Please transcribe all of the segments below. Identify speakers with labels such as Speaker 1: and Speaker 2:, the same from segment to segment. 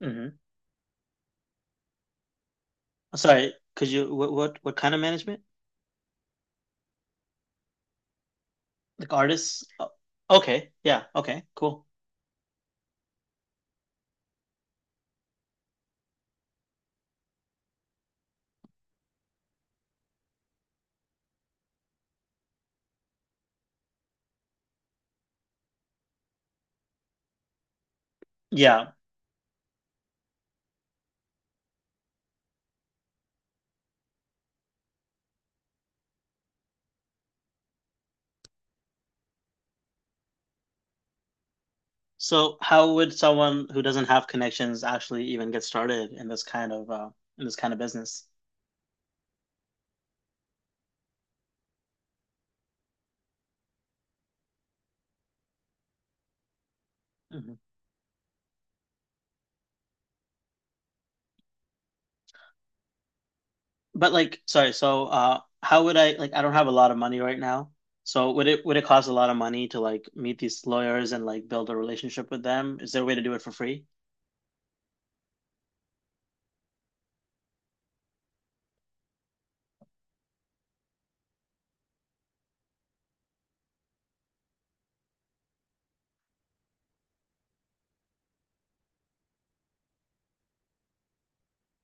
Speaker 1: Hmm. Sorry, could you what kind of management? Like artists? Oh, okay, yeah, okay, cool. Yeah. So how would someone who doesn't have connections actually even get started in this kind of business? Hmm. But like, sorry, so how would I like I don't have a lot of money right now. So would it cost a lot of money to like meet these lawyers and like build a relationship with them? Is there a way to do it for free?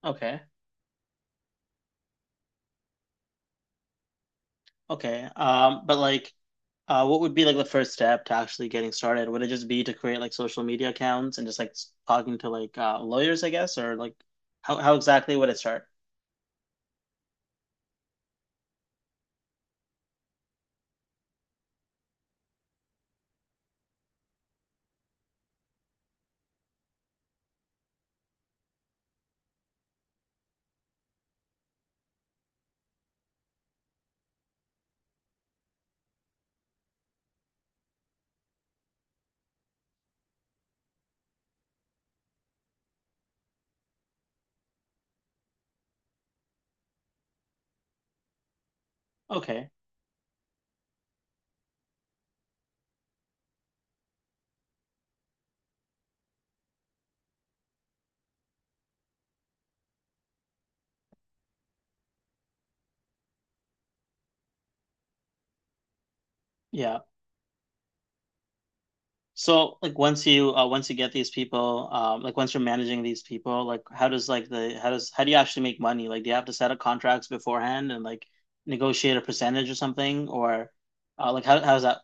Speaker 1: Okay. Okay. But like, what would be like the first step to actually getting started? Would it just be to create like social media accounts and just like talking to like lawyers, I guess, or like how exactly would it start? Okay. Yeah. So like once you get these people, like once you're managing these people, like how does like the how does how do you actually make money? Like do you have to set up contracts beforehand and like negotiate a percentage or something, or like how does that.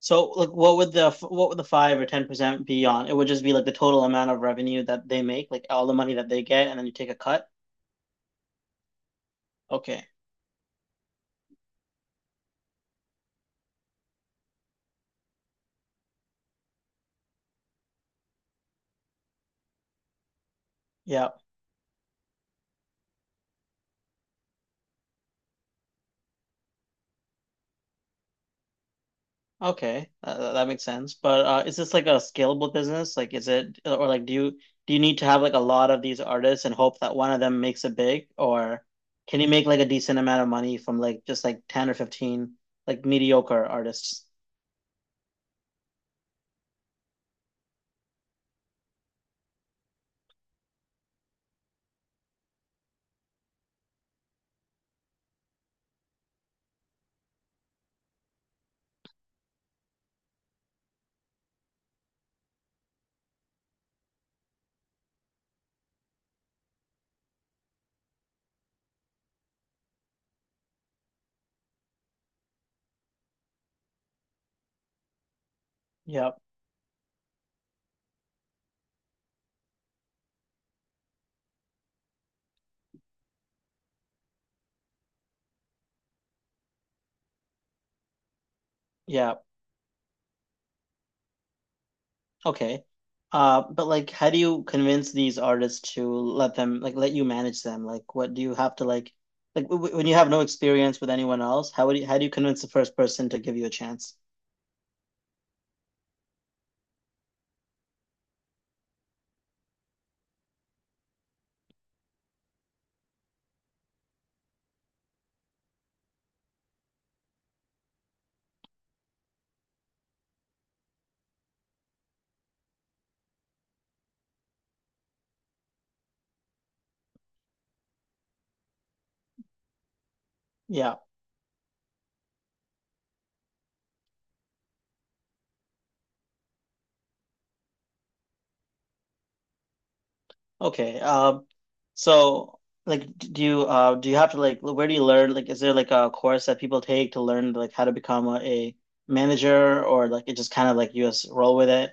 Speaker 1: So, like, what would the 5 or 10% be on? It would just be like the total amount of revenue that they make, like all the money that they get, and then you take a cut. Okay, yeah, okay, that makes sense. But is this like a scalable business? Like, is it, or like do you need to have like a lot of these artists and hope that one of them makes it big, or can you make like a decent amount of money from like just like 10 or 15 like mediocre artists? Yep. Yeah. Okay. But like, how do you convince these artists to let them like let you manage them? Like, what do you have to when you have no experience with anyone else? How do you convince the first person to give you a chance? Yeah. Okay. So like, do you have to like where do you learn? Like, is there like a course that people take to learn like how to become a manager, or like it just kind of like you just roll with it?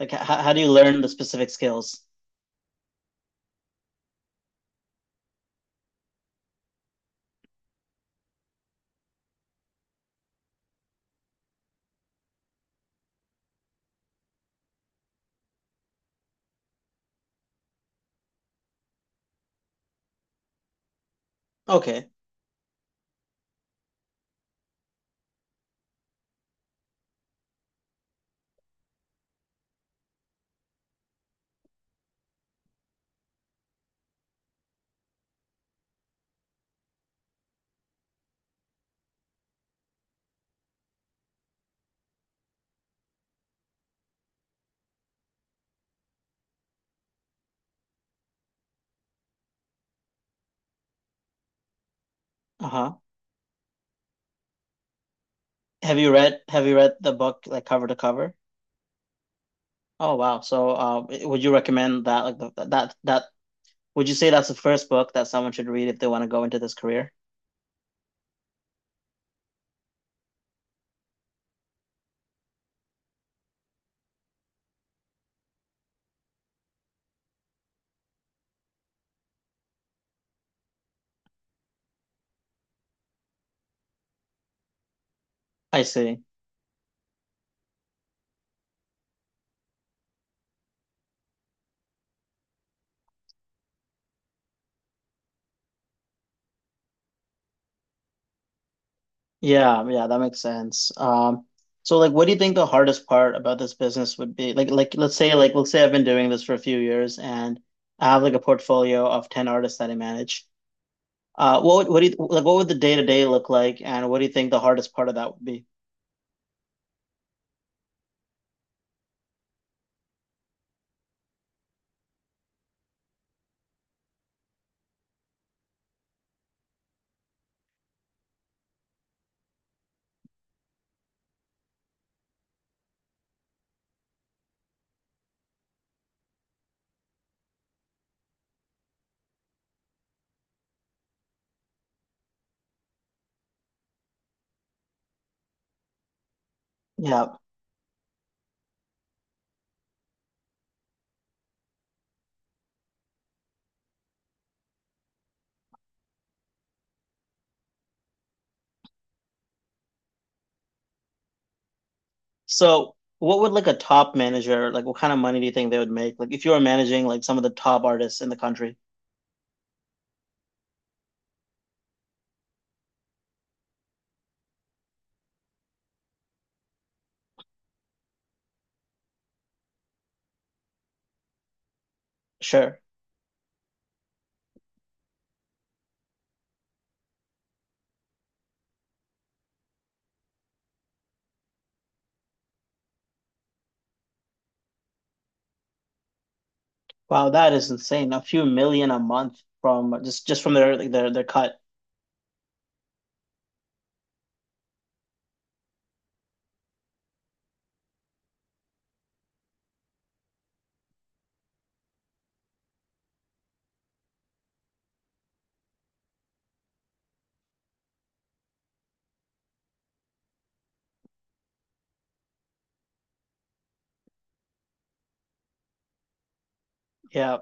Speaker 1: Like, h how do you learn the specific skills? Okay. Uh-huh. Have you read the book like cover to cover? Oh, wow. So would you recommend that like the, that would you say that's the first book that someone should read if they want to go into this career? I see. Yeah, yeah, that makes sense. So like what do you think the hardest part about this business would be? Like let's say I've been doing this for a few years and I have like a portfolio of 10 artists that I manage. What would, what do you, like what would the day-to-day look like, and what do you think the hardest part of that would be? Yeah. So, what would like a top manager, like what kind of money do you think they would make? Like if you were managing like some of the top artists in the country. Sure. Wow, that is insane. A few million a month from just from their like, their cut. Yeah.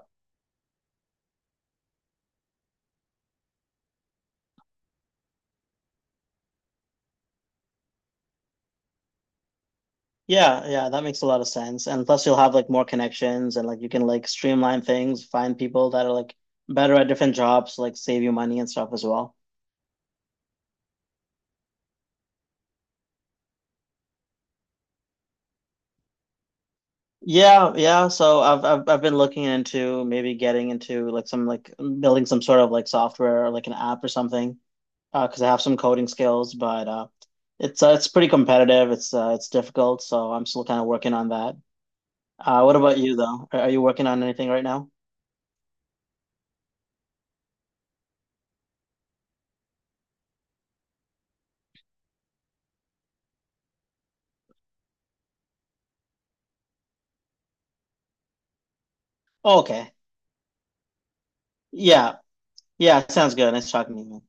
Speaker 1: Yeah, yeah, that makes a lot of sense. And plus you'll have like more connections, and like you can like streamline things, find people that are like better at different jobs, like save you money and stuff as well. Yeah, yeah. So I've been looking into maybe getting into like some like building some sort of like software or like an app or something, because I have some coding skills, but it's pretty competitive. It's difficult, so I'm still kind of working on that. What about you though? Are you working on anything right now? Oh, okay. Yeah. Yeah, sounds good. Nice talking to you, man.